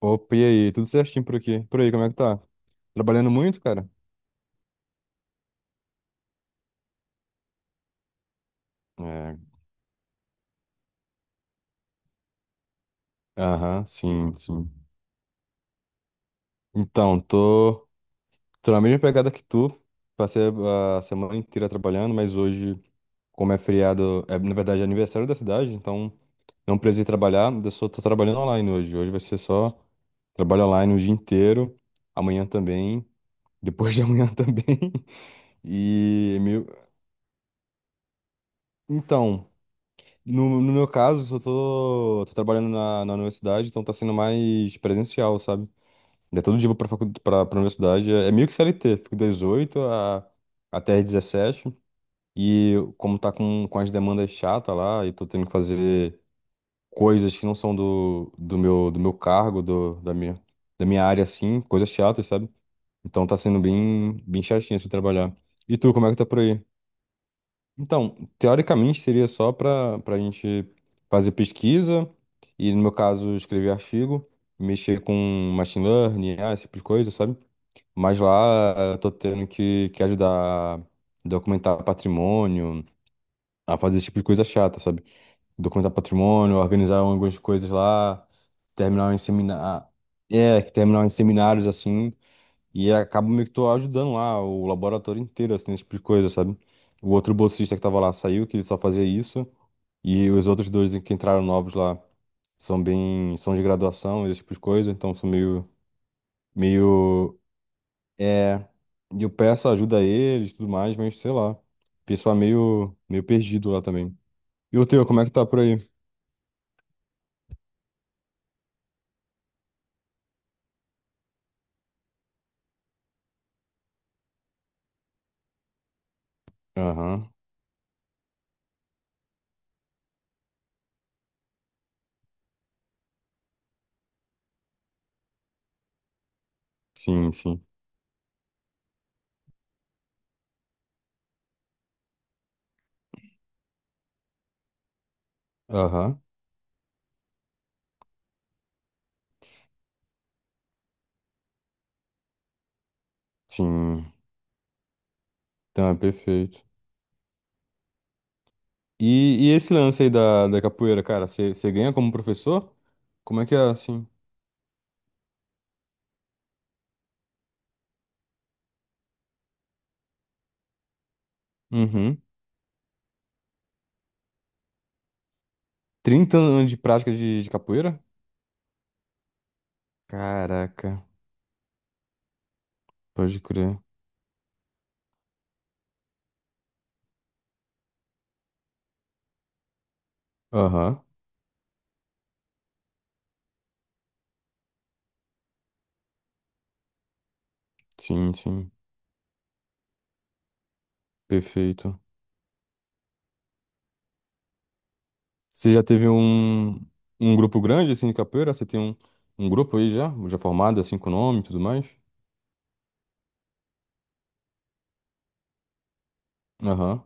Opa, e aí? Tudo certinho por aqui? Por aí, como é que tá? Trabalhando muito, cara? É. Aham, sim, sim. Então, tô, tô na mesma pegada que tu. Passei a semana inteira trabalhando, mas hoje, como é feriado, é, na verdade é aniversário da cidade, então não precisei trabalhar, eu só tô trabalhando online hoje. Hoje vai ser só trabalho online o dia inteiro, amanhã também, depois de amanhã também. E meu, então. No meu caso, só tô, tô trabalhando na universidade, então tá sendo mais presencial, sabe? É todo dia eu vou pra, pra, pra universidade. É meio que CLT, fico das 8 a, até as 17. E como tá com as demandas chatas lá, e tô tendo que fazer coisas que não são do, do meu cargo, do, da minha área, assim, coisas chatas, sabe? Então tá sendo bem, bem chatinho assim trabalhar. E tu, como é que tá por aí? Então, teoricamente seria só para a gente fazer pesquisa e, no meu caso, escrever artigo, mexer com machine learning, ah, esse tipo de coisa, sabe? Mas lá eu tô tendo que ajudar a documentar patrimônio, a fazer esse tipo de coisa chata, sabe? Documentar patrimônio, organizar algumas coisas lá, terminar em seminário. É, terminar em seminários assim. E acaba meio que tô ajudando lá o laboratório inteiro, assim, nesse tipo de coisa, sabe? O outro bolsista que tava lá saiu, que ele só fazia isso. E os outros dois que entraram novos lá são bem... São de graduação, esse tipo de coisa. Então, são meio... Meio... É... E eu peço ajuda a eles e tudo mais, mas sei lá. O pessoal é meio... Meio perdido lá também. E o teu, como é que tá por aí? Aham. Sim, sim. Aham. Sim. Então, é perfeito. E, e esse lance aí da, da capoeira, cara, você ganha como professor? Como é que é assim? Uhum. 30 anos de prática de capoeira? Caraca, pode crer. Aham, sim, sim, perfeito. Você já teve um, um grupo grande assim de capoeira? Você tem um, um grupo aí já? Já formado assim com nome e tudo mais? Aham,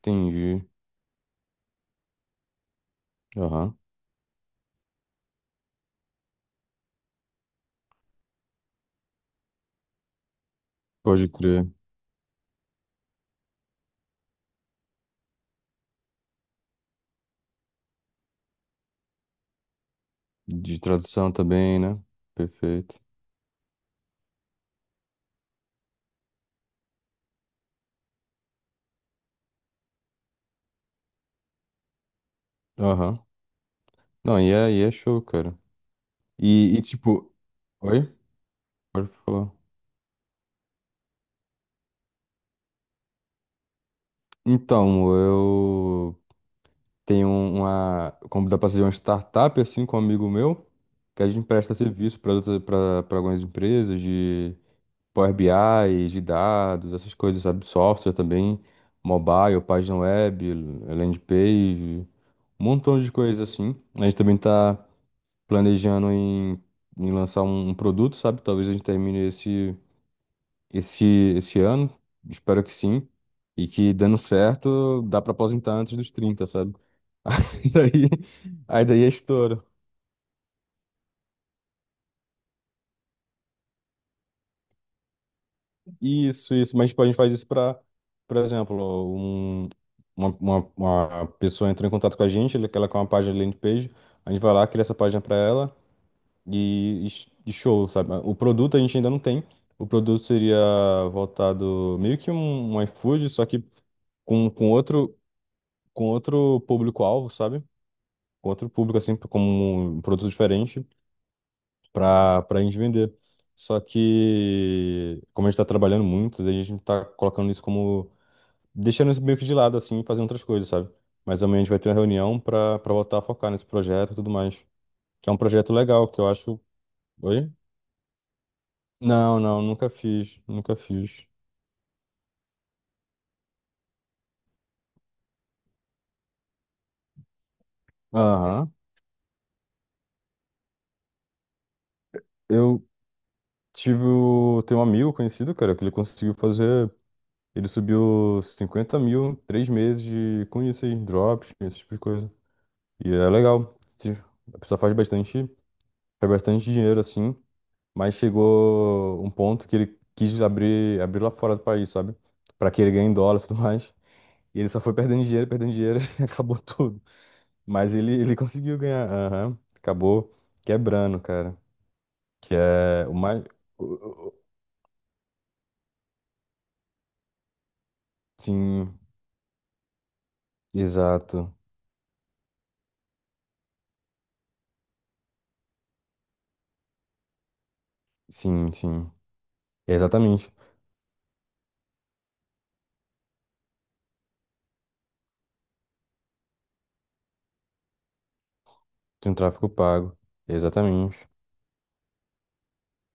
entendi. Aham, pode crer. De tradução também, né? Perfeito. Aham. Não, e é show, cara. E tipo. Oi? Pode falar. Então, eu tenho uma. Como dá pra ser uma startup, assim, com um amigo meu, que a gente presta serviço para algumas empresas de Power BI, de dados, essas coisas, sabe? Software também, mobile, página web, landing page, um montão de coisas assim. A gente também tá planejando em, em lançar um produto, sabe? Talvez a gente termine esse. esse, esse ano, espero que sim. E que dando certo, dá pra aposentar antes dos 30, sabe? Daí, aí daí é estouro. Isso, isso. Mas tipo, a gente faz isso pra, por exemplo, um, uma pessoa entrou em contato com a gente, ela quer uma página de landing page, a gente vai lá, cria essa página pra ela e e show, sabe? O produto a gente ainda não tem. O produto seria voltado meio que um iFood, só que com, com outro, com outro público-alvo, sabe? Com outro público, assim, como um produto diferente para a gente vender. Só que, como a gente tá trabalhando muito, daí a gente tá colocando isso como, deixando isso meio que de lado, assim, e fazendo outras coisas, sabe? Mas amanhã a gente vai ter uma reunião para voltar a focar nesse projeto e tudo mais. Que é um projeto legal, que eu acho. Oi? Não, não, nunca fiz, nunca fiz. Aham. Eu tive. Tem um amigo conhecido, cara, que ele conseguiu fazer. Ele subiu 50 mil em 3 meses de, com isso aí, drops, esse tipo de coisa. E é legal. A pessoa faz bastante dinheiro assim, mas chegou um ponto que ele quis abrir, abrir lá fora do país, sabe? Pra que ele ganhe em dólar e tudo mais. E ele só foi perdendo dinheiro e acabou tudo. Mas ele conseguiu ganhar. Aham. Acabou quebrando, cara. Que é o mais. o- o- o- Sim, exato. Sim, sim. Exatamente. Tem um tráfico pago. Exatamente.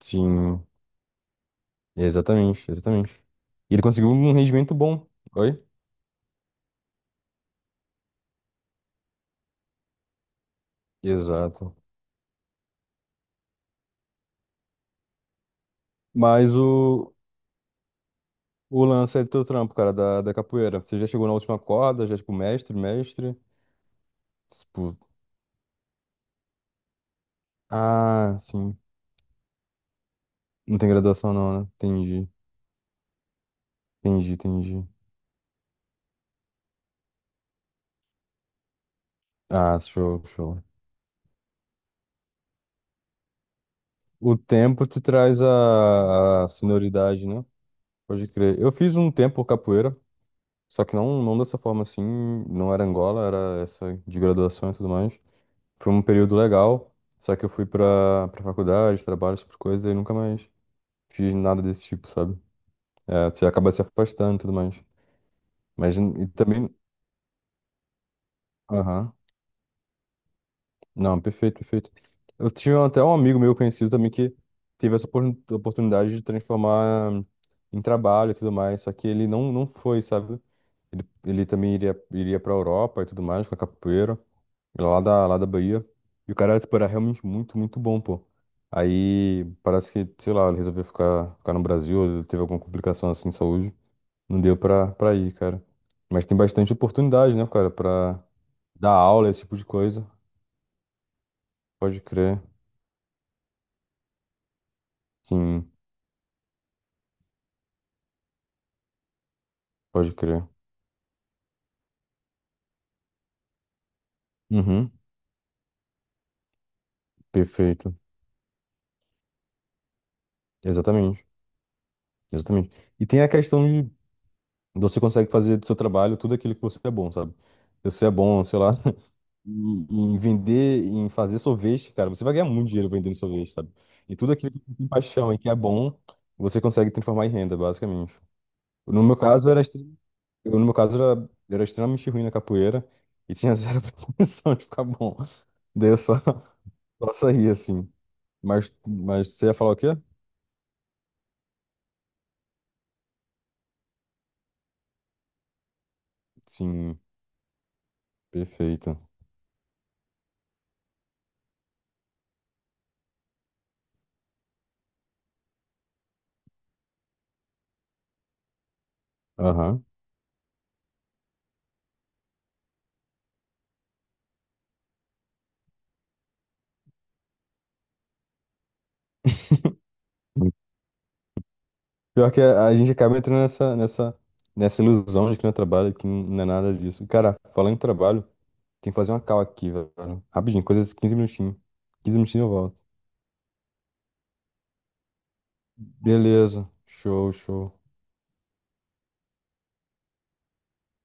Sim. Exatamente, exatamente. E ele conseguiu um rendimento bom. Oi? Exato. Mas o lance é do teu trampo, cara, da, da capoeira. Você já chegou na última corda, já, tipo, mestre, mestre. Tipo, ah, sim. Não tem graduação não, né? Entendi, entendi, entendi. Ah, show, show. O tempo te traz a senioridade, né? Pode crer. Eu fiz um tempo capoeira, só que não, não dessa forma assim. Não era Angola, era essa de graduação e tudo mais. Foi um período legal, só que eu fui pra, pra faculdade, trabalho, essas coisas, e nunca mais fiz nada desse tipo, sabe? É, você acaba se afastando e tudo mais. Mas e também. Aham. Não, perfeito, perfeito. Eu tinha até um amigo meu conhecido também que teve essa oportunidade de transformar em trabalho e tudo mais, só que ele não, não foi, sabe? Ele também iria, iria pra Europa e tudo mais, com a capoeira. Lá da Bahia. E o cara, tipo, era realmente muito, muito bom, pô. Aí parece que, sei lá, ele resolveu ficar, ficar no Brasil, ele teve alguma complicação assim de saúde. Não deu pra, pra ir, cara. Mas tem bastante oportunidade, né, cara, pra dar aula, esse tipo de coisa. Pode crer. Sim, pode crer. Uhum. Perfeito. Exatamente. Exatamente. E tem a questão de você consegue fazer do seu trabalho tudo aquilo que você é bom, sabe? Se você é bom, sei lá, e em vender, em fazer sorvete, cara, você vai ganhar muito dinheiro vendendo sorvete, sabe? E tudo aquilo que você tem paixão e que é bom, você consegue transformar em renda, basicamente. No meu caso, era, eu, no meu caso, era, era extremamente ruim na capoeira e tinha zero pretensão de ficar bom. Daí eu só, só saí, assim. Mas você ia falar o quê? Sim, perfeito. Aham. Pior que a gente acaba entrando nessa, nessa, nessa ilusão de que não é trabalho, que não é nada disso. Cara, falando em trabalho, tem que fazer uma call aqui, velho. Rapidinho, coisa de 15 minutinhos. 15 minutinhos eu volto. Beleza. Show, show.